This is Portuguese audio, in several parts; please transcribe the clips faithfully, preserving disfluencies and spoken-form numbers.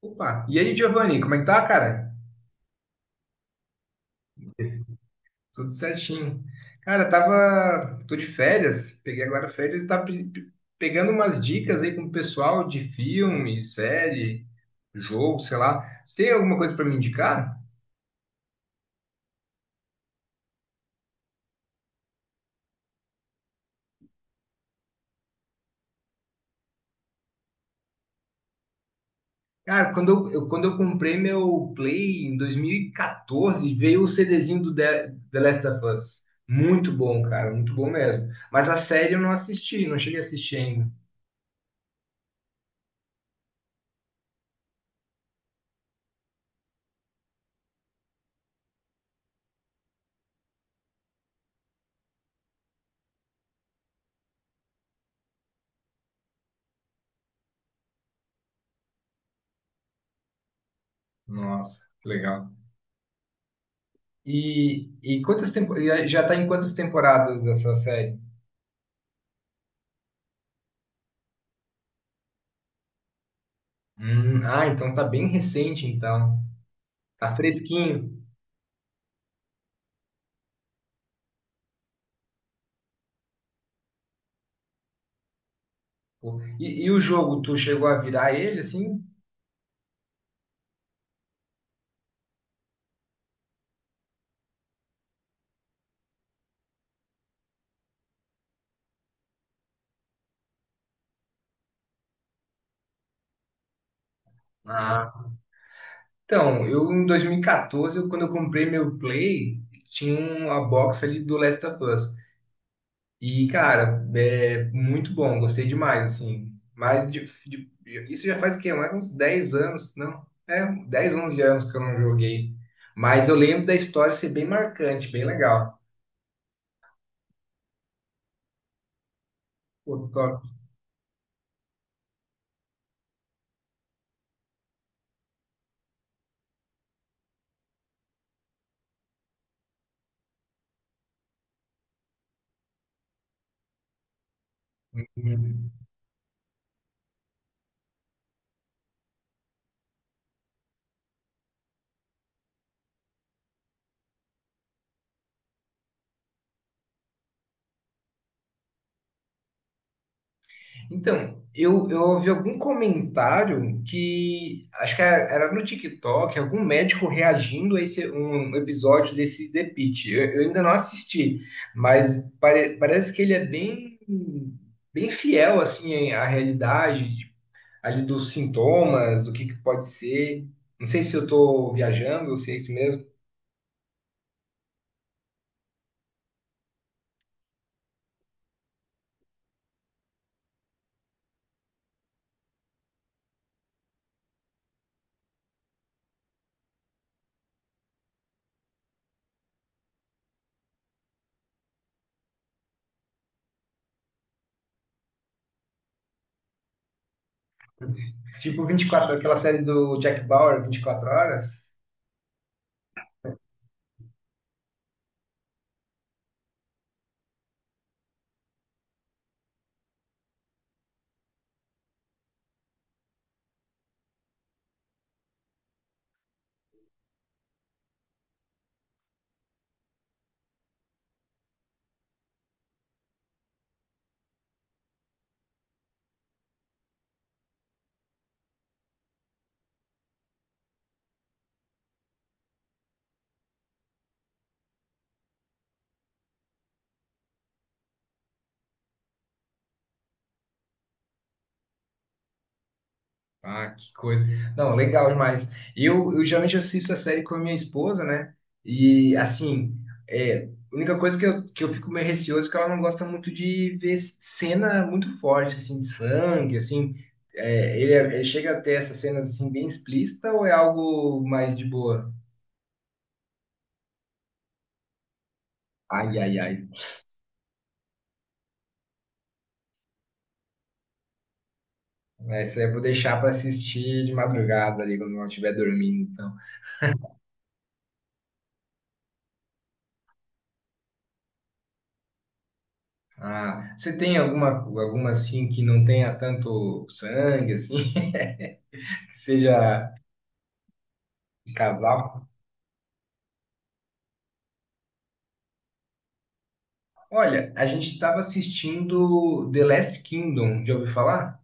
Opa, e aí, Giovanni, como é que tá, cara? Tudo certinho. Cara, tava, tô de férias, peguei agora férias e tava pe- pe- pegando umas dicas aí com o pessoal de filme, série, jogo, sei lá. Você tem alguma coisa pra me indicar? Cara, quando eu, eu- quando eu comprei meu Play em dois mil e quatorze, veio o CDzinho do The, The Last of Us. Muito bom, cara, muito bom mesmo. Mas a série eu não assisti, não cheguei a assistir ainda. Nossa, que legal. E, e quantas tempo... e já tá em quantas temporadas essa série? Hum, ah, então tá bem recente, então. Tá fresquinho. Pô. E, e o jogo, tu chegou a virar ele assim? Ah, então, eu em dois mil e quatorze, eu- quando eu comprei meu Play, tinha uma box ali do Last of Us. E, cara, é muito bom, gostei demais, assim. Mas de- de- isso já faz o quê? Mais uns dez anos, não? É, dez onze anos que eu não joguei. Mas eu lembro da história ser bem marcante, bem legal. Pô, top. Então, eu, eu ouvi algum comentário que acho que era era no TikTok, algum médico reagindo a esse, um episódio desse The Pitt. Eu, eu ainda não assisti, mas pare- parece que ele é bem, bem fiel assim à realidade ali dos sintomas, do que, que pode ser. Não sei se eu tô viajando ou se é isso mesmo. Tipo vinte e quatro, aquela série do Jack Bauer, vinte e quatro horas. Ah, que coisa. Não, legal demais. Eu, eu geralmente assisto a série com a minha esposa, né? E, assim, é, a única coisa que eu, que eu fico meio receoso é que ela não gosta muito de ver cena muito forte, assim, de sangue, assim. É, ele, ele chega a ter essas cenas, assim, bem explícita ou é algo mais de boa? Ai, ai, ai. Essa eu vou deixar para assistir de madrugada ali, quando eu estiver dormindo, então. Ah, você tem alguma, alguma, assim, que não tenha tanto sangue, assim? Que seja um casal. Olha, a gente estava assistindo The Last Kingdom, já ouviu falar?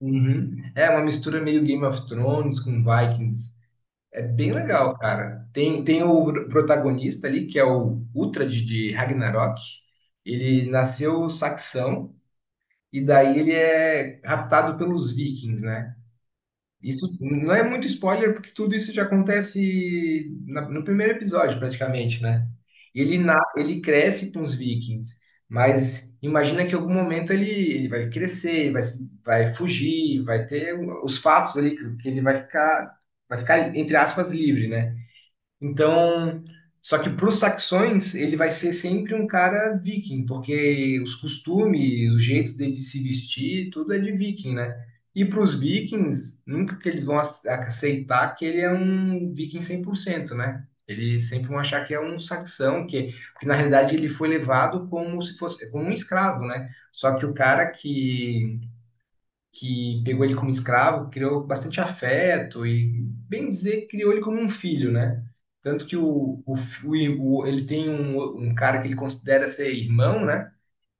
Uhum. É uma mistura meio Game of Thrones com Vikings. É bem legal, cara. Tem, tem o protagonista ali, que é o Uhtred de Ragnarok. Ele nasceu saxão e daí ele é raptado pelos vikings, né? Isso não é muito spoiler, porque tudo isso já acontece na- no primeiro episódio, praticamente, né? Ele, na, ele cresce com os vikings, mas imagina que em algum momento ele, ele vai crescer, vai, se- vai fugir, vai ter os fatos ali que ele vai ficar, vai ficar, entre aspas, livre, né? Então, só que para os saxões, ele vai ser sempre um cara viking, porque os costumes, o jeito dele se vestir, tudo é de viking, né? E para os vikings, nunca que eles vão ace- aceitar que ele é um viking cem por cento, né? Eles sempre vão achar que é um saxão, que, porque na realidade ele foi levado como se fosse como um escravo, né? Só que o cara que que pegou ele como escravo, criou bastante afeto e, bem dizer, criou ele como um filho, né? Tanto que o, o, fi- o- ele tem um, um cara que ele considera ser irmão, né?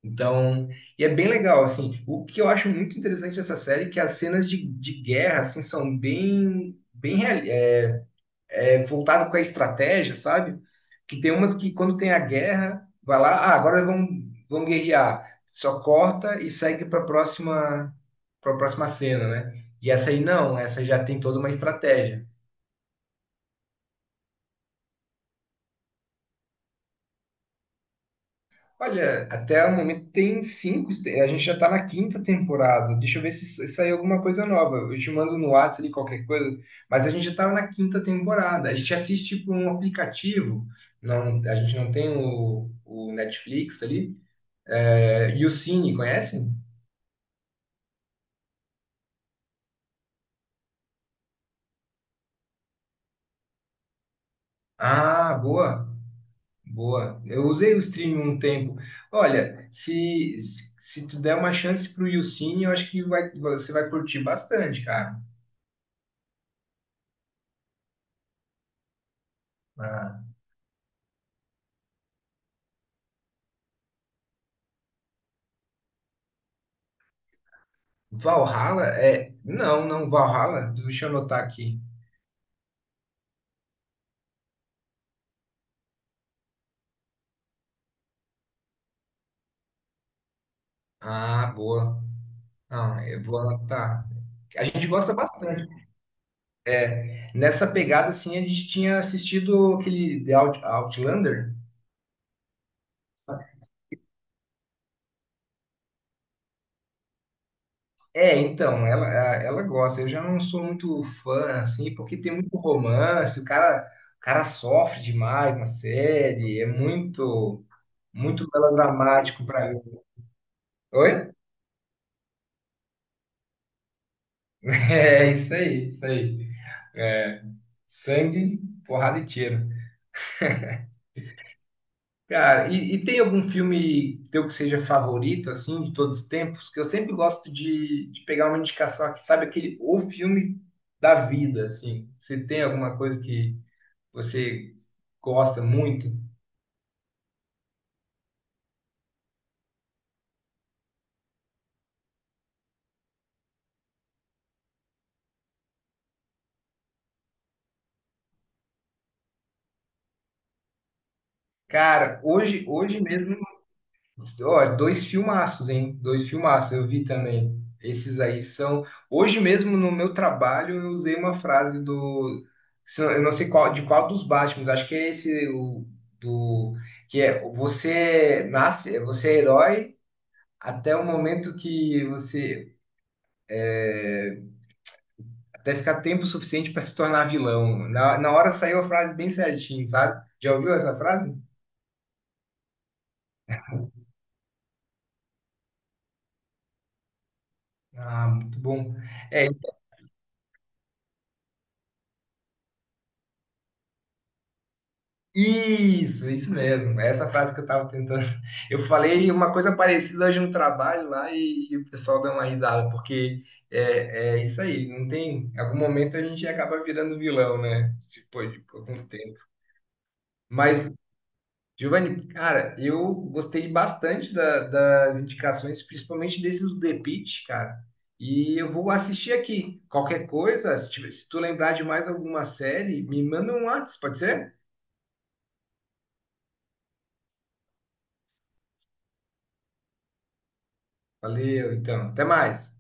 Então, e é bem legal, assim. O que eu acho muito interessante dessa série é que as cenas de, de guerra, assim, são bem, bem real, é, voltado com a estratégia, sabe? Que tem umas que quando tem a guerra, vai lá, ah, agora vamos, vamos guerrear. Só corta e segue para a próxima, para próxima cena, né? E essa aí não, essa já tem toda uma estratégia. Olha, até o momento tem cinco, a gente já tá na quinta temporada. Deixa eu ver se saiu alguma coisa nova. Eu te mando no WhatsApp ali qualquer coisa, mas a gente já tava na quinta temporada. A gente assiste por um aplicativo, não, a gente não tem o, o Netflix ali. É, e o Cine, conhecem? Ah, boa, boa. Eu usei o stream um tempo. Olha, se, se tu der uma chance pro Yucine, eu acho que vai, você vai curtir bastante, cara. Ah, Valhalla é. Não, não, Valhalla, deixa eu anotar aqui. Ah, boa. Ah, eu vou anotar. A gente gosta bastante. Nessa pegada, assim, a gente tinha assistido aquele The Out- Outlander. É, então, ela, a- ela gosta. Eu já não sou muito fã, assim, porque tem muito romance, o cara, o cara sofre demais na série, é muito, muito melodramático pra mim. Oi? É, isso aí, isso aí. É, sangue, porrada e tiro. Cara, e, e tem algum filme teu que seja favorito, assim, de todos os tempos? Que eu sempre gosto de, de pegar uma indicação aqui, sabe, aquele, o filme da vida, assim. Você tem alguma coisa que você gosta muito? Cara, hoje, hoje mesmo, ó, dois filmaços, hein? Dois filmaços, eu vi também. Esses aí são. Hoje mesmo no meu trabalho eu usei uma frase do. Se Eu não sei qual, de qual dos Batmans, acho que é esse o, do. Que é você nasce, você é herói até o momento que você. É, até ficar tempo suficiente para se tornar vilão. Na, na hora saiu a frase bem certinho, sabe? Já ouviu essa frase? Ah, muito bom. É, isso, isso mesmo. É essa frase que eu estava tentando. Eu falei uma coisa parecida hoje no trabalho lá e, e o pessoal deu uma risada, porque é, é isso aí, não tem. Em algum momento a gente acaba virando vilão, né? Depois de algum tempo. Mas, Giovanni, cara, eu gostei bastante da- das indicações, principalmente desses do The Pitt, cara. E eu vou assistir aqui. Qualquer coisa, se, tiver- se tu lembrar de mais alguma série, me manda um WhatsApp, pode ser? Valeu, então. Até mais.